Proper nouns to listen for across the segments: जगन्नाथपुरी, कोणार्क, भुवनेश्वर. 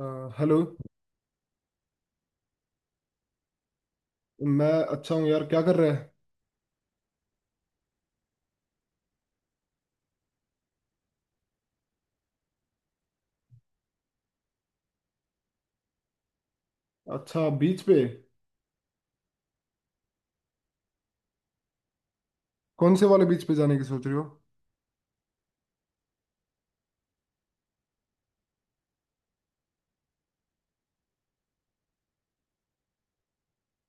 हाँ, हेलो। मैं अच्छा हूँ यार, क्या कर रहा है। अच्छा, बीच पे। कौन से वाले बीच पे जाने की सोच रहे हो।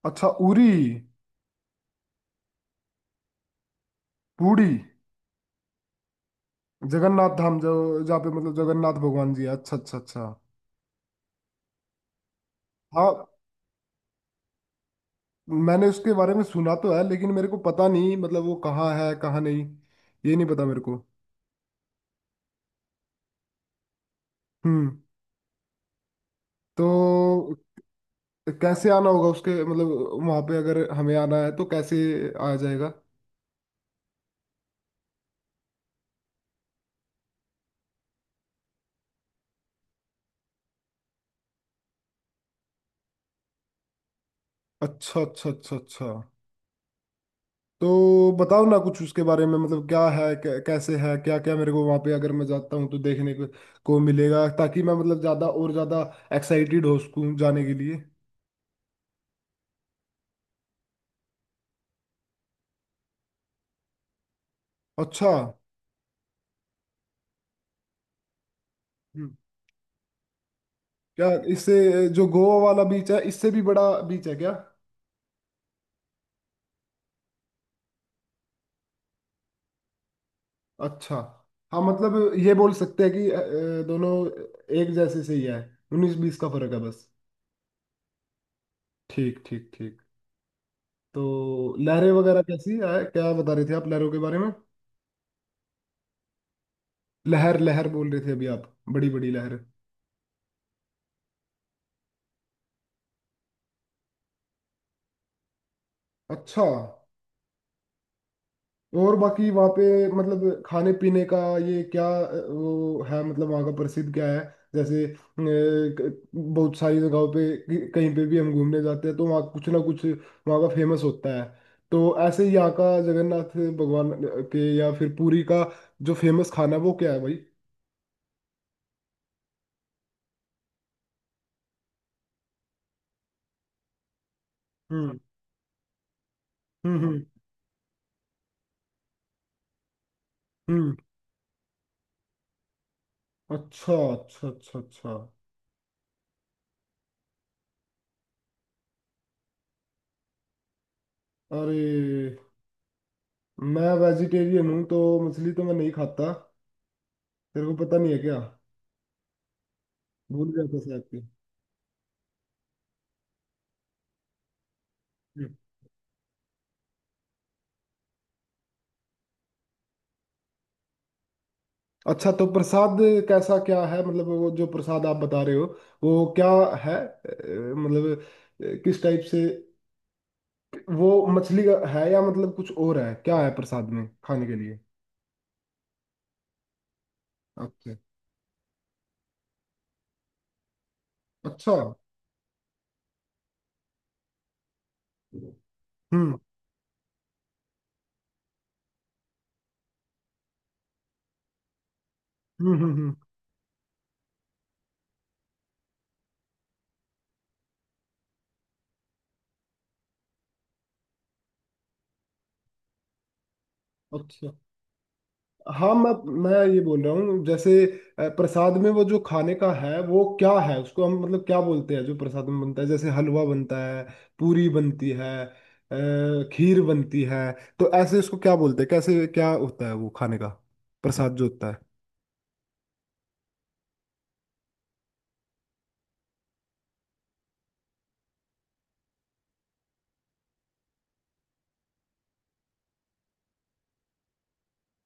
अच्छा, उरी। पुरी। जगन्नाथ धाम। जो जहाँ पे मतलब जगन्नाथ भगवान जी है। अच्छा अच्छा अच्छा। हाँ, मैंने उसके बारे में सुना तो है, लेकिन मेरे को पता नहीं मतलब वो कहाँ है कहाँ नहीं। ये नहीं पता मेरे को। हम्म। तो कैसे आना होगा उसके, मतलब वहाँ पे अगर हमें आना है तो कैसे आ जाएगा। अच्छा अच्छा अच्छा अच्छा। तो बताओ ना कुछ उसके बारे में, मतलब क्या है, कैसे है, क्या क्या मेरे को वहां पे अगर मैं जाता हूँ तो देखने को मिलेगा, ताकि मैं मतलब ज्यादा और ज्यादा एक्साइटेड हो सकूँ जाने के लिए। अच्छा। हम्म। क्या इससे, जो गोवा वाला बीच है, इससे भी बड़ा बीच है क्या। अच्छा। हाँ मतलब ये बोल सकते हैं कि दोनों एक जैसे से ही है। उन्नीस बीस का फर्क है बस। ठीक ठीक ठीक। तो लहरें वगैरह कैसी है, क्या बता रहे थे आप लहरों के बारे में। लहर लहर बोल रहे थे अभी आप, बड़ी बड़ी लहर। अच्छा। और बाकी वहाँ पे मतलब खाने पीने का ये क्या, वो है मतलब वहाँ का प्रसिद्ध क्या है। जैसे बहुत सारी जगहों पे, कहीं पे भी हम घूमने जाते हैं तो वहाँ कुछ ना कुछ वहाँ का फेमस होता है। तो ऐसे ही यहाँ का जगन्नाथ भगवान के या फिर पुरी का जो फेमस खाना है वो क्या है भाई। हम्म हम्म हम्म हम्म। अच्छा अच्छा अच्छा अच्छा। अरे, मैं वेजिटेरियन हूँ तो मछली तो मैं नहीं खाता। तेरे को पता नहीं है क्या। भूल गया था शायद कि। हम्म। अच्छा, तो प्रसाद कैसा क्या है मतलब, वो जो प्रसाद आप बता रहे हो वो क्या है मतलब किस टाइप से। वो मछली का है या मतलब कुछ और है, क्या है प्रसाद में खाने के लिए। अच्छा अच्छा। हम्म हम्म हम्म हम्म। अच्छा, हाँ मैं ये बोल रहा हूँ जैसे, प्रसाद में वो जो खाने का है वो क्या है, उसको हम मतलब क्या बोलते हैं जो प्रसाद में बनता है। जैसे हलवा बनता है, पूरी बनती है, खीर बनती है। तो ऐसे उसको क्या बोलते हैं, कैसे क्या होता है वो खाने का प्रसाद जो होता है।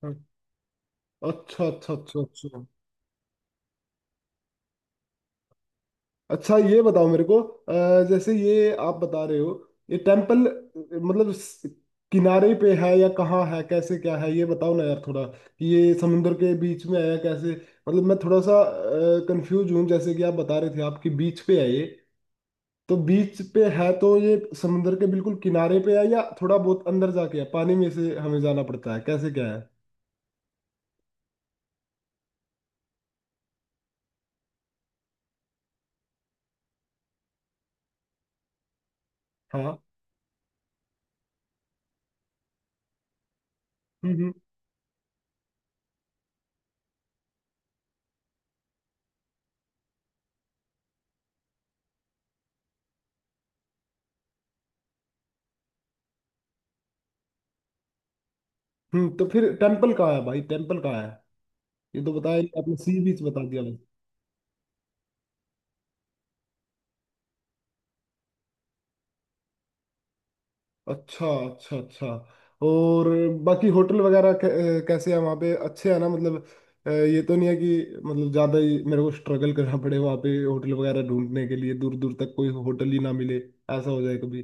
हाँ। अच्छा अच्छा अच्छा अच्छा। अच्छा ये बताओ मेरे को, जैसे ये आप बता रहे हो ये टेम्पल मतलब किनारे पे है या कहाँ है कैसे क्या है। ये बताओ ना यार थोड़ा कि ये समुंदर के बीच में है या कैसे, मतलब मैं थोड़ा सा कंफ्यूज हूँ। जैसे कि आप बता रहे थे आपकी बीच पे है ये, तो बीच पे है तो ये समुंदर के बिल्कुल किनारे पे है या थोड़ा बहुत अंदर जाके है, पानी में से हमें जाना पड़ता है, कैसे क्या है। हाँ। हम्म हम्म तो फिर टेम्पल कहाँ है भाई, टेम्पल कहाँ है। ये तो बताया नहीं, आपने सी बीच बता दिया। अच्छा अच्छा अच्छा। और बाकी होटल वगैरह कैसे है वहाँ पे, अच्छे है ना मतलब। ये तो नहीं है कि मतलब ज़्यादा ही मेरे को स्ट्रगल करना पड़े वहाँ पे होटल वगैरह ढूंढने के लिए, दूर दूर तक कोई होटल ही ना मिले, ऐसा हो जाए कभी।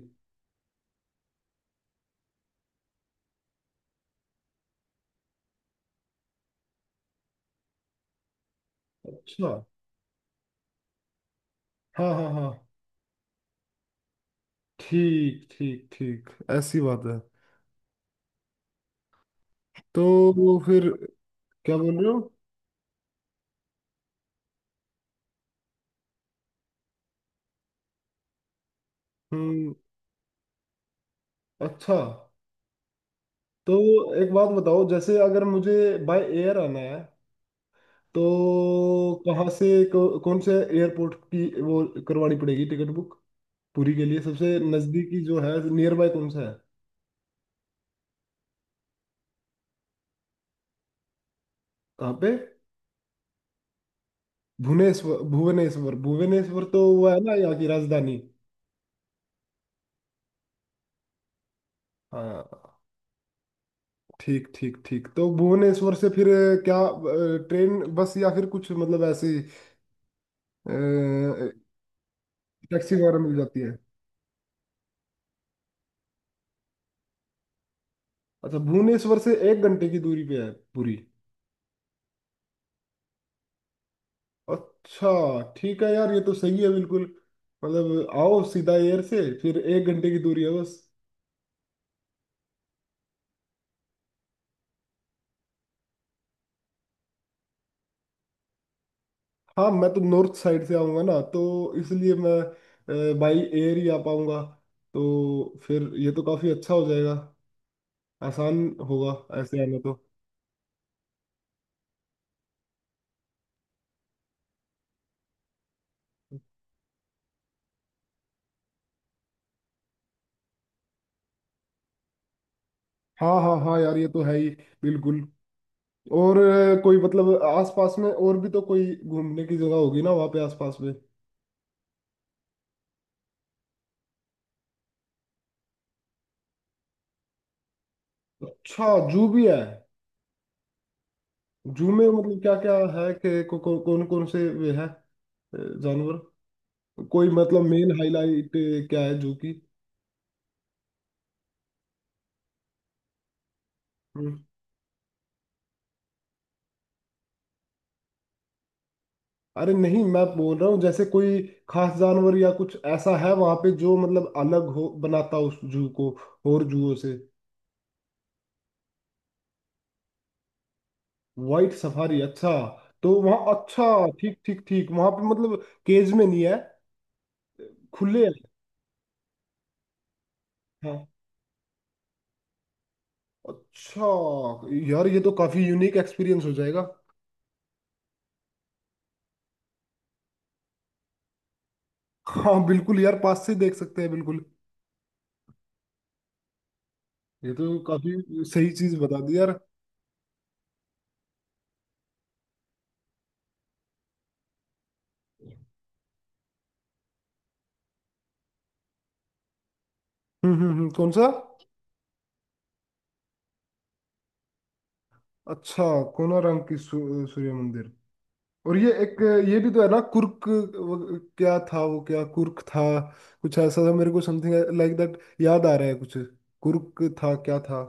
अच्छा। हाँ हाँ हाँ। ठीक ठीक ठीक। ऐसी बात है। तो वो फिर क्या बोल रहे हो। हम्म। अच्छा, तो एक बात बताओ, जैसे अगर मुझे बाय एयर आना है तो कहाँ से, कौन से एयरपोर्ट की वो करवानी पड़ेगी, टिकट बुक पूरी के लिए सबसे नज़दीकी जो है, नियर बाय कौन सा है। कहाँ पे। भुवनेश्वर भुवनेश्वर भुवनेश्वर, तो वो है ना यहाँ की राजधानी। हाँ। ठीक ठीक ठीक। तो भुवनेश्वर से फिर क्या ट्रेन बस, या फिर कुछ मतलब ऐसी अ, टैक्सी वगैरह मिल जाती है। अच्छा, भुवनेश्वर से एक घंटे की दूरी पे है पूरी। अच्छा ठीक है यार, ये तो सही है बिल्कुल, मतलब आओ सीधा एयर से फिर एक घंटे की दूरी है बस। हाँ मैं तो नॉर्थ साइड से आऊँगा ना, तो इसलिए मैं बाई एयर ही आ पाऊँगा। तो फिर ये तो काफ़ी अच्छा हो जाएगा, आसान होगा ऐसे आने तो। हाँ हाँ हाँ यार, ये तो है ही बिल्कुल। और कोई मतलब आसपास में और भी तो कोई घूमने की जगह होगी ना वहाँ पे आसपास में। अच्छा, जू भी है। जू में मतलब क्या क्या है कि कौन कौन से वे है, जानवर। कोई मतलब मेन हाईलाइट क्या है जू की। हम्म। अरे नहीं, मैं बोल रहा हूँ जैसे कोई खास जानवर या कुछ ऐसा है वहां पे जो मतलब अलग हो, बनाता उस जू को और जूओं से। वाइट सफारी, अच्छा। तो वहाँ, अच्छा ठीक ठीक ठीक। वहां पे मतलब केज में नहीं है, खुले है। हाँ। अच्छा यार, ये तो काफी यूनिक एक्सपीरियंस हो जाएगा। हाँ बिल्कुल यार, पास से देख सकते हैं बिल्कुल। ये तो काफी सही चीज बता दी यार। कौन सा। अच्छा, कोणार्क की सूर्य मंदिर। और ये एक, ये भी तो है ना कुर्क, वो क्या था वो, क्या कुर्क था, कुछ ऐसा था मेरे को समथिंग लाइक दैट याद आ रहा है कुछ, कुर्क था क्या था।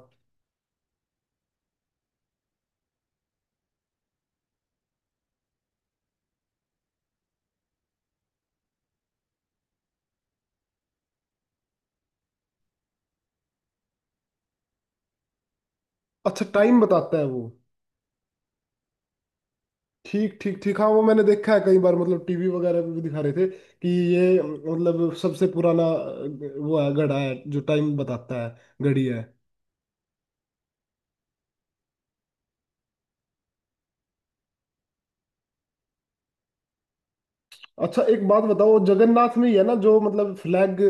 अच्छा, टाइम बताता है वो। ठीक ठीक ठीक। हाँ वो मैंने देखा है कई बार, मतलब टीवी वगैरह पे भी दिखा रहे थे कि ये मतलब सबसे पुराना वो है, घड़ा है जो टाइम बताता है, घड़ी है। अच्छा एक बात बताओ, जगन्नाथ में ही है ना जो मतलब फ्लैग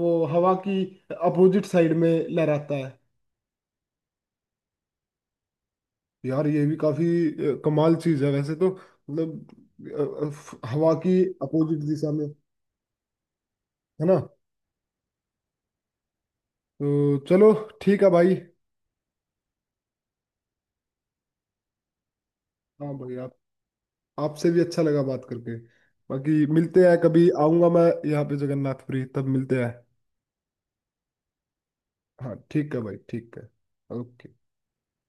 वो हवा की अपोजिट साइड में लहराता है। यार ये भी काफी कमाल चीज है वैसे तो, मतलब हवा की अपोजिट दिशा में है ना। तो चलो, ठीक है भाई। हाँ भाई आप, आपसे भी अच्छा लगा बात करके, बाकी मिलते हैं, कभी आऊंगा मैं, यहाँ पे जगन्नाथपुरी तब मिलते हैं। हाँ ठीक है भाई, ठीक है। ओके।